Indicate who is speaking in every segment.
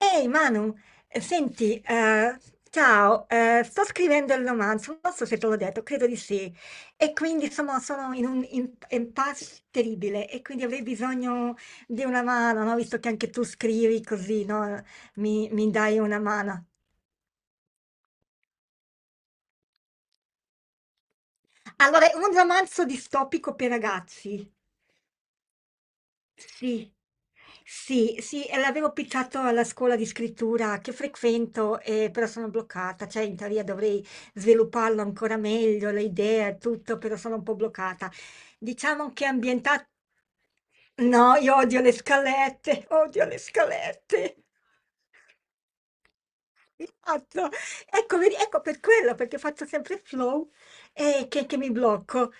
Speaker 1: Ehi Manu, senti, ciao, sto scrivendo il romanzo, non so se te l'ho detto, credo di sì, e quindi sono in un impasse terribile e quindi avrei bisogno di una mano, no? Visto che anche tu scrivi così, no? Mi dai una mano. Allora, è un romanzo distopico per ragazzi. Sì, sì, sì, e l'avevo pizzato alla scuola di scrittura che frequento, però sono bloccata, cioè in teoria dovrei svilupparlo ancora meglio, le idee e tutto, però sono un po' bloccata. Diciamo che è ambientato... No, io odio le scalette, odio le scalette. Esatto, ecco, vedi, ecco per quello, perché faccio sempre flow e che mi blocco.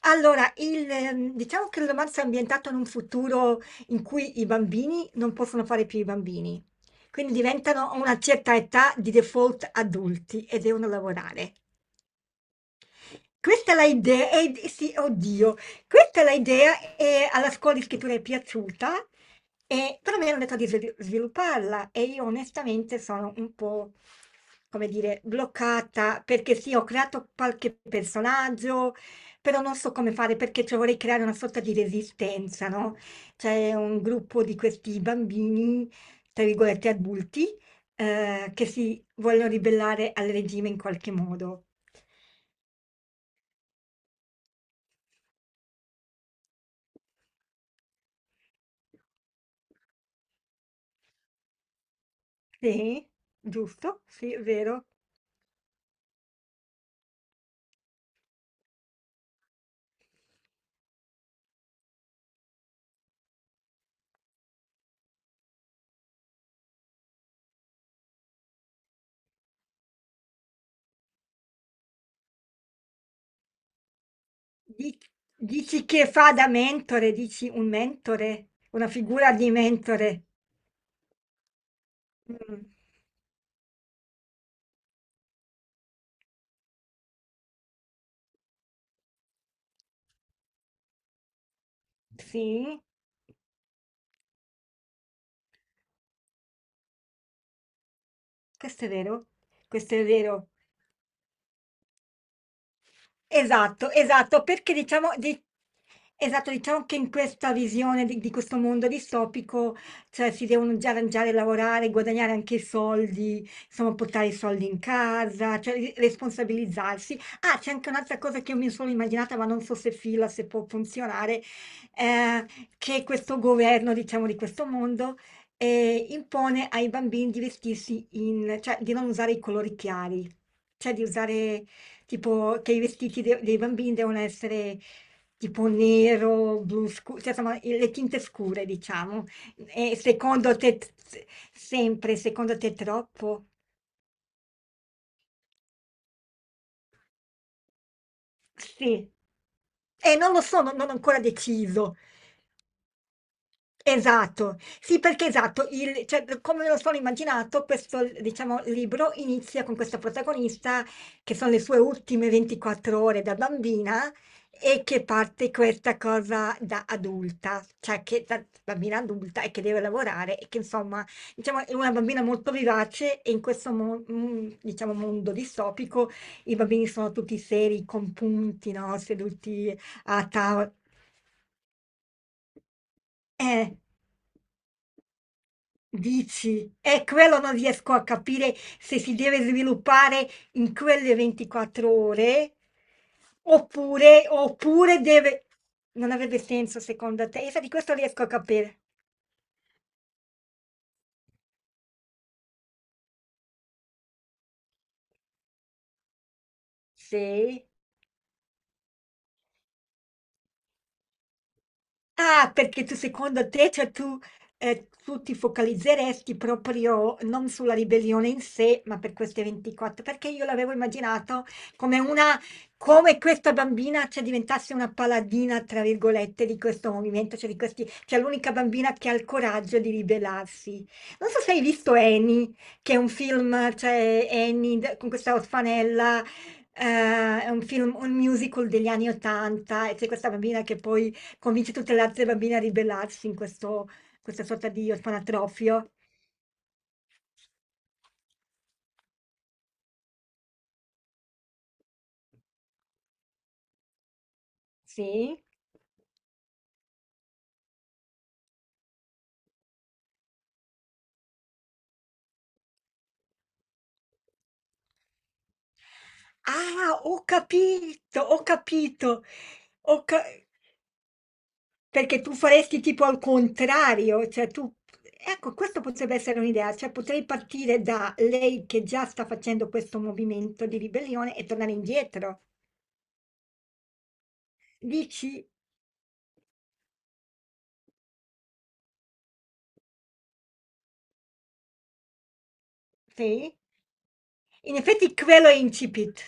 Speaker 1: Allora, diciamo che il romanzo è ambientato in un futuro in cui i bambini non possono fare più i bambini, quindi diventano a una certa età di default adulti e devono lavorare. Questa è l'idea, sì, oddio, questa è l'idea e alla scuola di scrittura è piaciuta, però mi hanno detto di svilupparla e io onestamente sono un po', come dire, bloccata perché sì, ho creato qualche personaggio, però non so come fare perché cioè, vorrei creare una sorta di resistenza, no? C'è un gruppo di questi bambini, tra virgolette adulti, che si vogliono ribellare al regime in qualche modo. Sì, giusto, sì, è vero. Di- Dici che fa da mentore, dici un mentore, una figura di mentore. Mm, sì, questo è vero, questo è vero. Esatto, esatto, perché diciamo, esatto, diciamo che in questa visione di questo mondo distopico, cioè si devono già arrangiare, lavorare, guadagnare anche i soldi, insomma, portare i soldi in casa, cioè responsabilizzarsi. Ah, c'è anche un'altra cosa che io mi sono immaginata, ma non so se fila, se può funzionare, eh, che questo governo, diciamo, di questo mondo, impone ai bambini di vestirsi in, cioè di non usare i colori chiari, cioè di usare tipo che i vestiti dei bambini devono essere tipo nero, blu scuro, cioè insomma le tinte scure, diciamo. E secondo te, sempre, secondo te troppo? Sì. E non lo so, non ho ancora deciso. Esatto, sì perché esatto, il cioè d come me lo sono immaginato questo l diciamo libro inizia con questa protagonista che son le sue ultime 24 ore da bambina e che parte questa cosa da adulta, cioè che da bambina adulta e che deve lavorare e che insomma, diciamo è una bambina molto vivace e in questo diciamo mondo distopico i bambini sono tutti seri, compunti, no, seduti a tavo eh. Dici, è quello non riesco a capire se si deve sviluppare in quelle 24 ore oppure deve... Non avrebbe senso secondo te? Io di questo riesco a capire. Sì. Ah, perché tu secondo te, cioè tu ti focalizzeresti proprio non sulla ribellione in sé, ma per queste 24, perché io l'avevo immaginato come una, come questa bambina, cioè, diventasse una paladina, tra virgolette, di questo movimento, cioè di questi, cioè l'unica bambina che ha il coraggio di ribellarsi. Non so se hai visto Annie, che è un film, cioè Annie con questa orfanella, è un film, un musical degli anni 80, e c'è questa bambina che poi convince tutte le altre bambine a ribellarsi in questo questa sorta di orfanotrofio. Sì. Ah, ho capito, ho capito. Ho ca perché tu faresti tipo al contrario, cioè tu ecco, questo potrebbe essere un'idea, cioè potrei partire da lei che già sta facendo questo movimento di ribellione e tornare indietro. Dici sì? In effetti quello è incipit.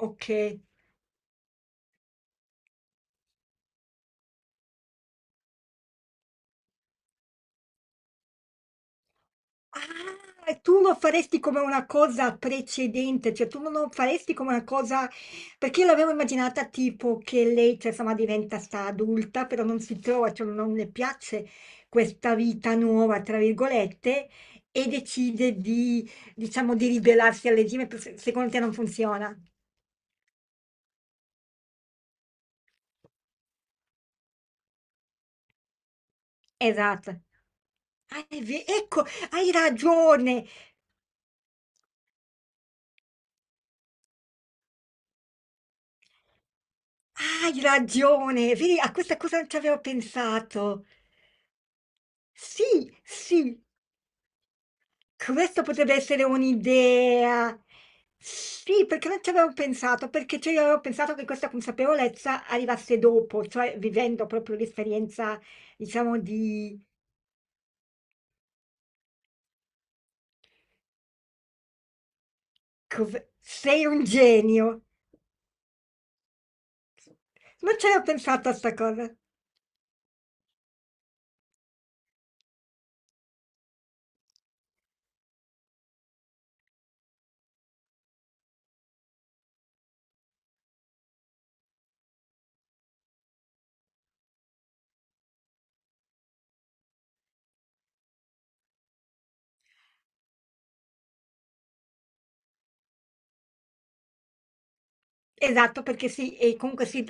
Speaker 1: Okay. Ah, e tu lo faresti come una cosa precedente, cioè tu non lo faresti come una cosa, perché io l'avevo immaginata tipo che lei, cioè, insomma, diventa sta adulta, però non si trova, cioè non le piace questa vita nuova, tra virgolette, e decide di, diciamo, di ribellarsi al regime, secondo te non funziona. Esatto. Ah, ecco, hai ragione, hai ragione, vedi, a questa cosa non ci avevo pensato. Sì, sì. Questo potrebbe essere un'idea. Sì, perché non ci avevo pensato, perché cioè io avevo pensato che questa consapevolezza arrivasse dopo, cioè vivendo proprio l'esperienza, diciamo, sei un genio. Non ci avevo pensato a sta cosa. Esatto, perché sì, e comunque sì,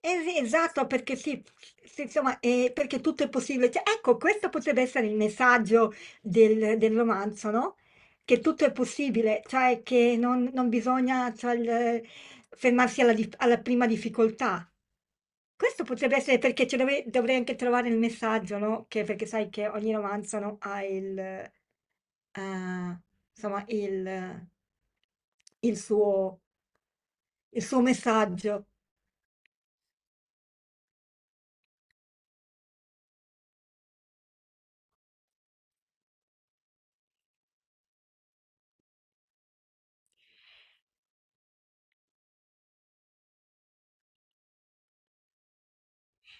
Speaker 1: eh sì, esatto, perché sì, sì, insomma, perché tutto è possibile. Cioè, ecco, questo potrebbe essere il messaggio del romanzo, no? Che tutto è possibile, cioè che non bisogna cioè, fermarsi alla prima difficoltà. Questo potrebbe essere perché ci dovrei anche trovare il messaggio, no? Che, perché sai che ogni romanzo, no, ha insomma, il il suo messaggio.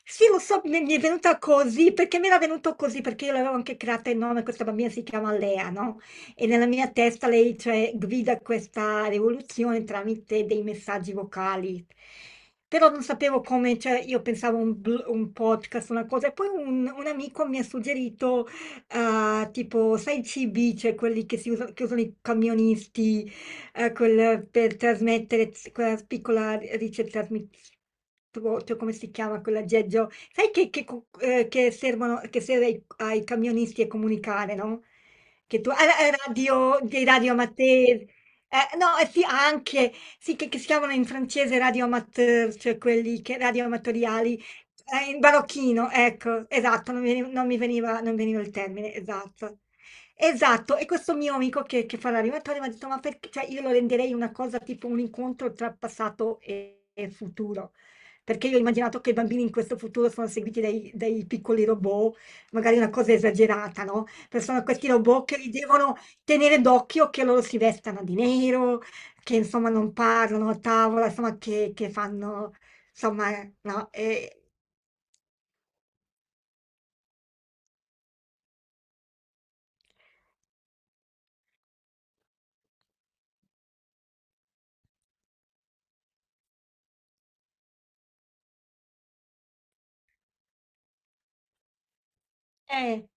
Speaker 1: Sì, lo so, mi è venuta così, perché mi era venuto così, perché io l'avevo anche creata il nome, questa bambina si chiama Lea, no? E nella mia testa lei, cioè, guida questa rivoluzione tramite dei messaggi vocali. Però non sapevo come, cioè, io pensavo un podcast, una cosa, e poi un amico mi ha suggerito, tipo, sai, i CB, cioè quelli che si usano, che usano i camionisti, per trasmettere quella piccola ricetrasmittore, come si chiama quell'aggeggio? Sai che servono, che serve ai camionisti a comunicare, no? Che tu, radio, dei radio amateur, no, sì, anche, sì, che si chiamano in francese radio amateur, cioè quelli che, radio amatoriali, in barocchino, ecco, esatto, non mi veniva, non veniva il termine, esatto. Esatto, e questo mio amico che fa l'animatore mi ha detto, ma perché, cioè io lo renderei una cosa tipo un incontro tra passato e futuro, perché io ho immaginato che i bambini in questo futuro sono seguiti dai piccoli robot, magari una cosa esagerata, no? Però sono questi robot che li devono tenere d'occhio, che loro si vestano di nero, che insomma non parlano a tavola, insomma che fanno, insomma, no? Eh,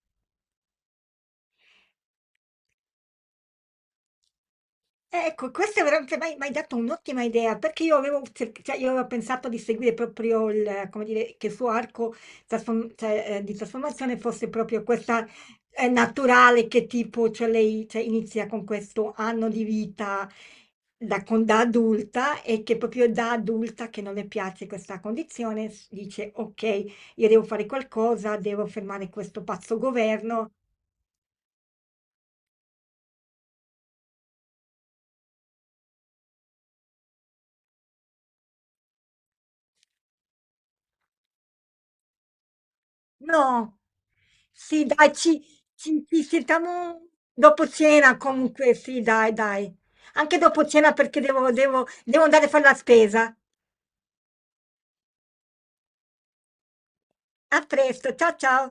Speaker 1: ecco, questa è veramente m'hai dato un'ottima idea, perché io avevo cerc cioè io avevo pensato di seguire proprio il come dire, che il suo arco di trasformazione fosse proprio questa, naturale che tipo cioè lei cioè inizia con questo anno di vita da adulta e che proprio da adulta che non le piace questa condizione s dice: "Okay, io devo fare qualcosa, devo fermare questo pazzo governo". No. Sì dai, ci sentiamo dopo cena comunque, sì dai, dai. Anche dopo cena perché devo andare a fare la spesa. A presto, ciao ciao.